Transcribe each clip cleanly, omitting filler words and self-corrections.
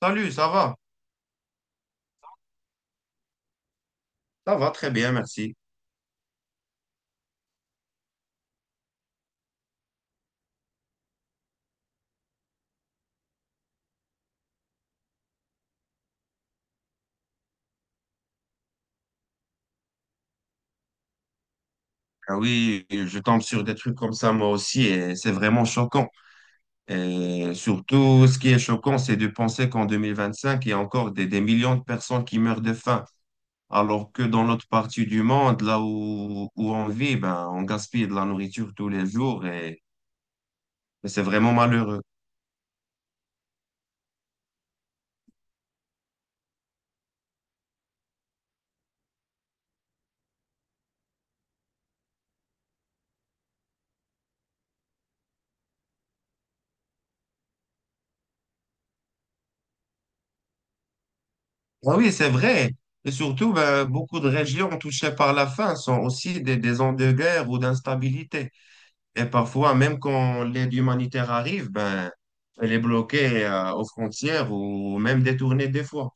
Salut, ça va? Ça va très bien, merci. Ah oui, je tombe sur des trucs comme ça moi aussi et c'est vraiment choquant. Et surtout, ce qui est choquant, c'est de penser qu'en 2025, il y a encore des millions de personnes qui meurent de faim, alors que dans notre partie du monde, là où on vit, ben, on gaspille de la nourriture tous les jours et c'est vraiment malheureux. Ah oui, c'est vrai. Et surtout, ben, beaucoup de régions touchées par la faim sont aussi des zones de guerre ou d'instabilité. Et parfois, même quand l'aide humanitaire arrive, ben, elle est bloquée aux frontières ou même détournée des fois.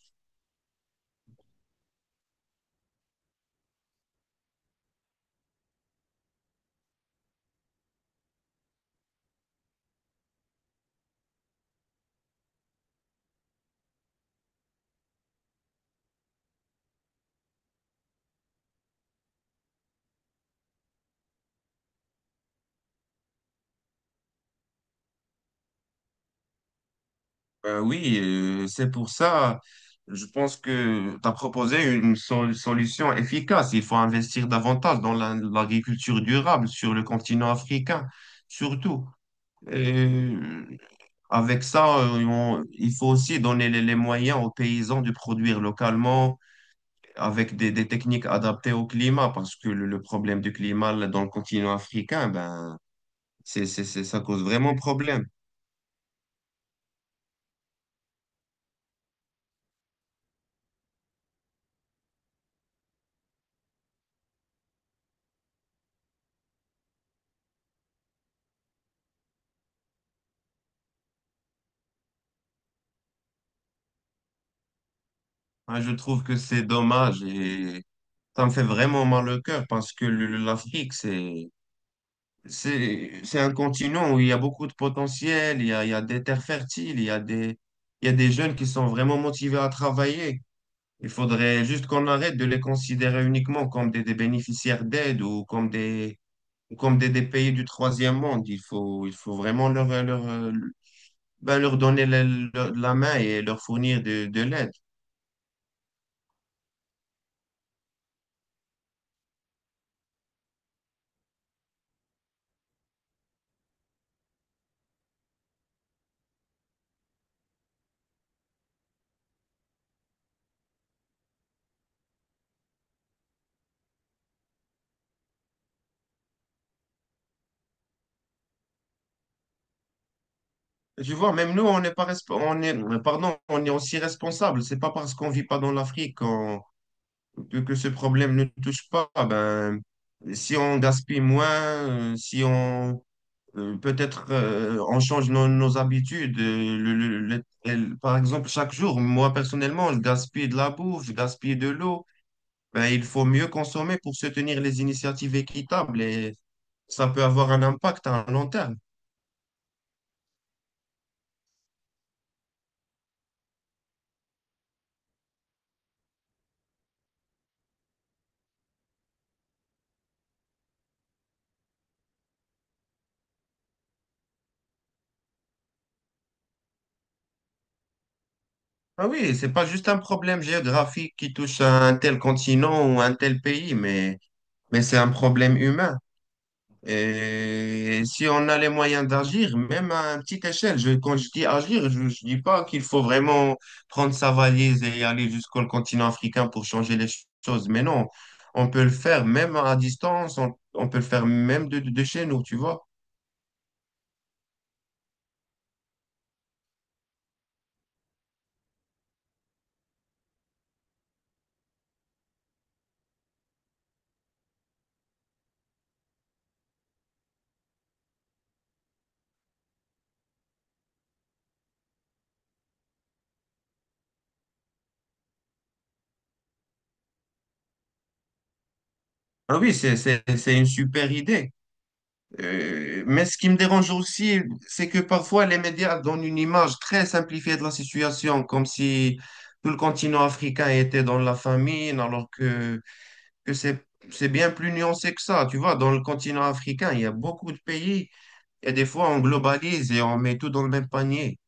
Ben oui, c'est pour ça, je pense que tu as proposé une solution efficace. Il faut investir davantage dans l'agriculture durable sur le continent africain, surtout. Et avec ça, il faut aussi donner les moyens aux paysans de produire localement avec des techniques adaptées au climat, parce que le problème du climat là, dans le continent africain, ben, ça cause vraiment problème. Moi, je trouve que c'est dommage et ça me fait vraiment mal au cœur parce que l'Afrique, c'est un continent où il y a beaucoup de potentiel, il y a des terres fertiles, il y a des jeunes qui sont vraiment motivés à travailler. Il faudrait juste qu'on arrête de les considérer uniquement comme des bénéficiaires d'aide ou comme des pays du troisième monde. Il faut vraiment leur donner la main et leur fournir de l'aide. Tu vois, même nous, on n'est pas, resp- on est, pardon, on est aussi responsable. C'est pas parce qu'on vit pas dans l'Afrique que ce problème ne touche pas. Ben, si on gaspille moins, si on peut-être on change nos habitudes. Par exemple, chaque jour, moi personnellement, je gaspille de la bouffe, je gaspille de l'eau. Ben, il faut mieux consommer pour soutenir les initiatives équitables et ça peut avoir un impact à long terme. Ah oui, c'est pas juste un problème géographique qui touche à un tel continent ou un tel pays, mais c'est un problème humain. Et si on a les moyens d'agir, même à une petite échelle, quand je dis agir, je dis pas qu'il faut vraiment prendre sa valise et aller jusqu'au continent africain pour changer les choses, mais non, on peut le faire même à distance, on peut le faire même de chez nous, tu vois. Alors oui, c'est une super idée. Mais ce qui me dérange aussi, c'est que parfois les médias donnent une image très simplifiée de la situation, comme si tout le continent africain était dans la famine, alors que c'est bien plus nuancé que ça. Tu vois, dans le continent africain, il y a beaucoup de pays et des fois on globalise et on met tout dans le même panier.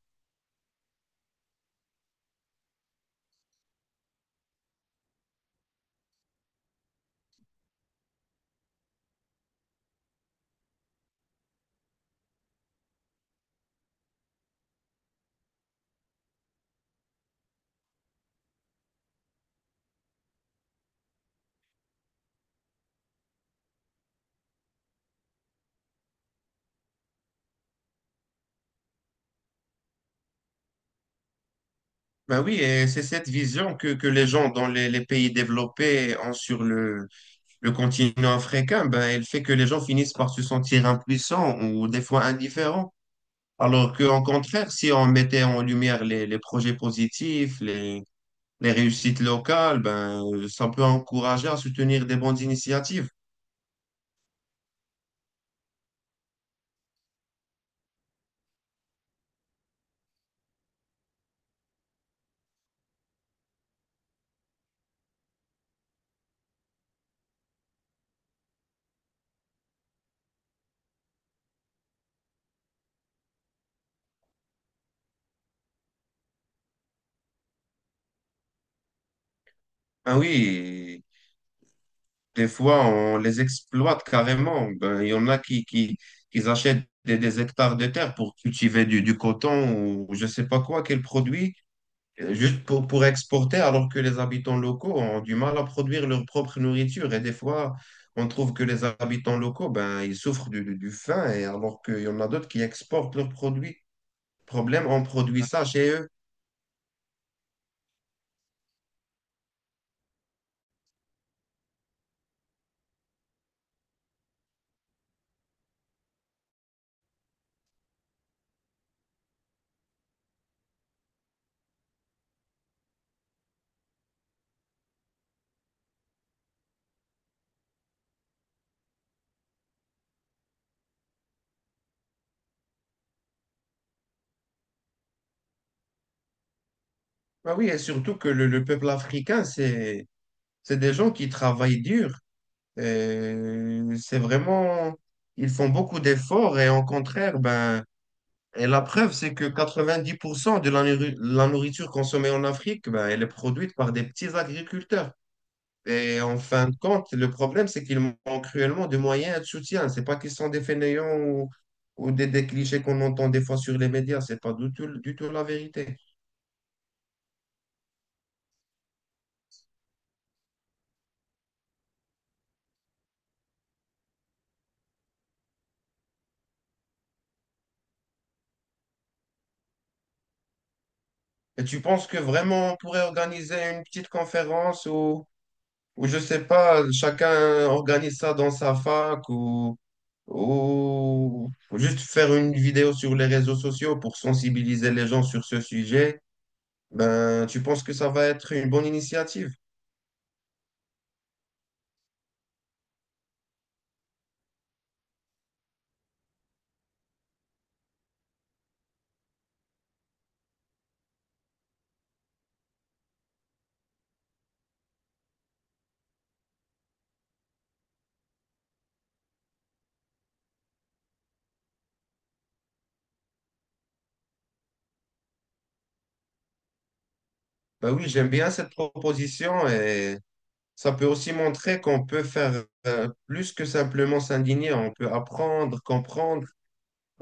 Ben oui, et c'est cette vision que les gens dans les pays développés ont sur le continent africain, ben, elle fait que les gens finissent par se sentir impuissants ou des fois indifférents. Alors qu'en contraire, si on mettait en lumière les projets positifs, les réussites locales, ben, ça peut encourager à soutenir des bonnes initiatives. Ah oui, des fois, on les exploite carrément. Ben, il y en a qui achètent des hectares de terre pour cultiver du coton ou je sais pas quoi, quel produit. Juste pour exporter, alors que les habitants locaux ont du mal à produire leur propre nourriture. Et des fois, on trouve que les habitants locaux, ben, ils souffrent du faim, et alors qu'il y en a d'autres qui exportent leurs produits. Problème, on produit ça chez eux. Ben oui, et surtout que le peuple africain, c'est des gens qui travaillent dur. C'est vraiment, ils font beaucoup d'efforts, et au contraire, ben, et la preuve, c'est que 90% de la nourriture consommée en Afrique, ben, elle est produite par des petits agriculteurs. Et en fin de compte, le problème, c'est qu'ils manquent cruellement de moyens et de soutien. C'est pas qu'ils sont des fainéants ou des clichés qu'on entend des fois sur les médias. C'est pas du tout, du tout la vérité. Et tu penses que vraiment on pourrait organiser une petite conférence ou je sais pas, chacun organise ça dans sa fac ou juste faire une vidéo sur les réseaux sociaux pour sensibiliser les gens sur ce sujet, ben, tu penses que ça va être une bonne initiative? Ben oui, j'aime bien cette proposition et ça peut aussi montrer qu'on peut faire plus que simplement s'indigner, on peut apprendre, comprendre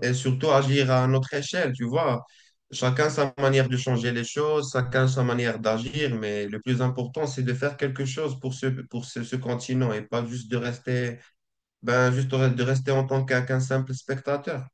et surtout agir à notre échelle, tu vois. Chacun sa manière de changer les choses, chacun sa manière d'agir, mais le plus important, c'est de faire quelque chose pour ce continent et pas juste de rester, ben, juste de rester en tant qu'un simple spectateur.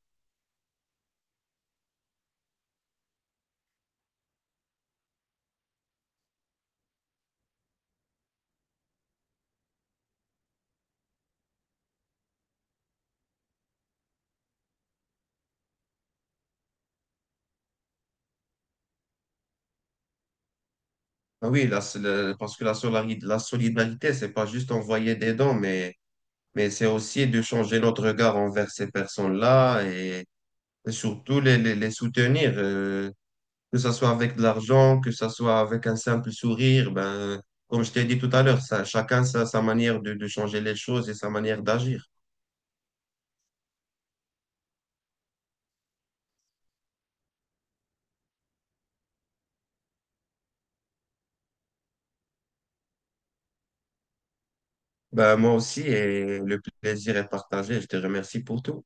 Ah oui, parce que la solidarité, c'est pas juste envoyer des dons, mais c'est aussi de changer notre regard envers ces personnes-là et surtout les soutenir. Que ça soit avec de l'argent, que ça soit avec un simple sourire, ben, comme je t'ai dit tout à l'heure, ça, chacun sa manière de changer les choses et sa manière d'agir. Ben, moi aussi, et le plaisir est partagé. Je te remercie pour tout.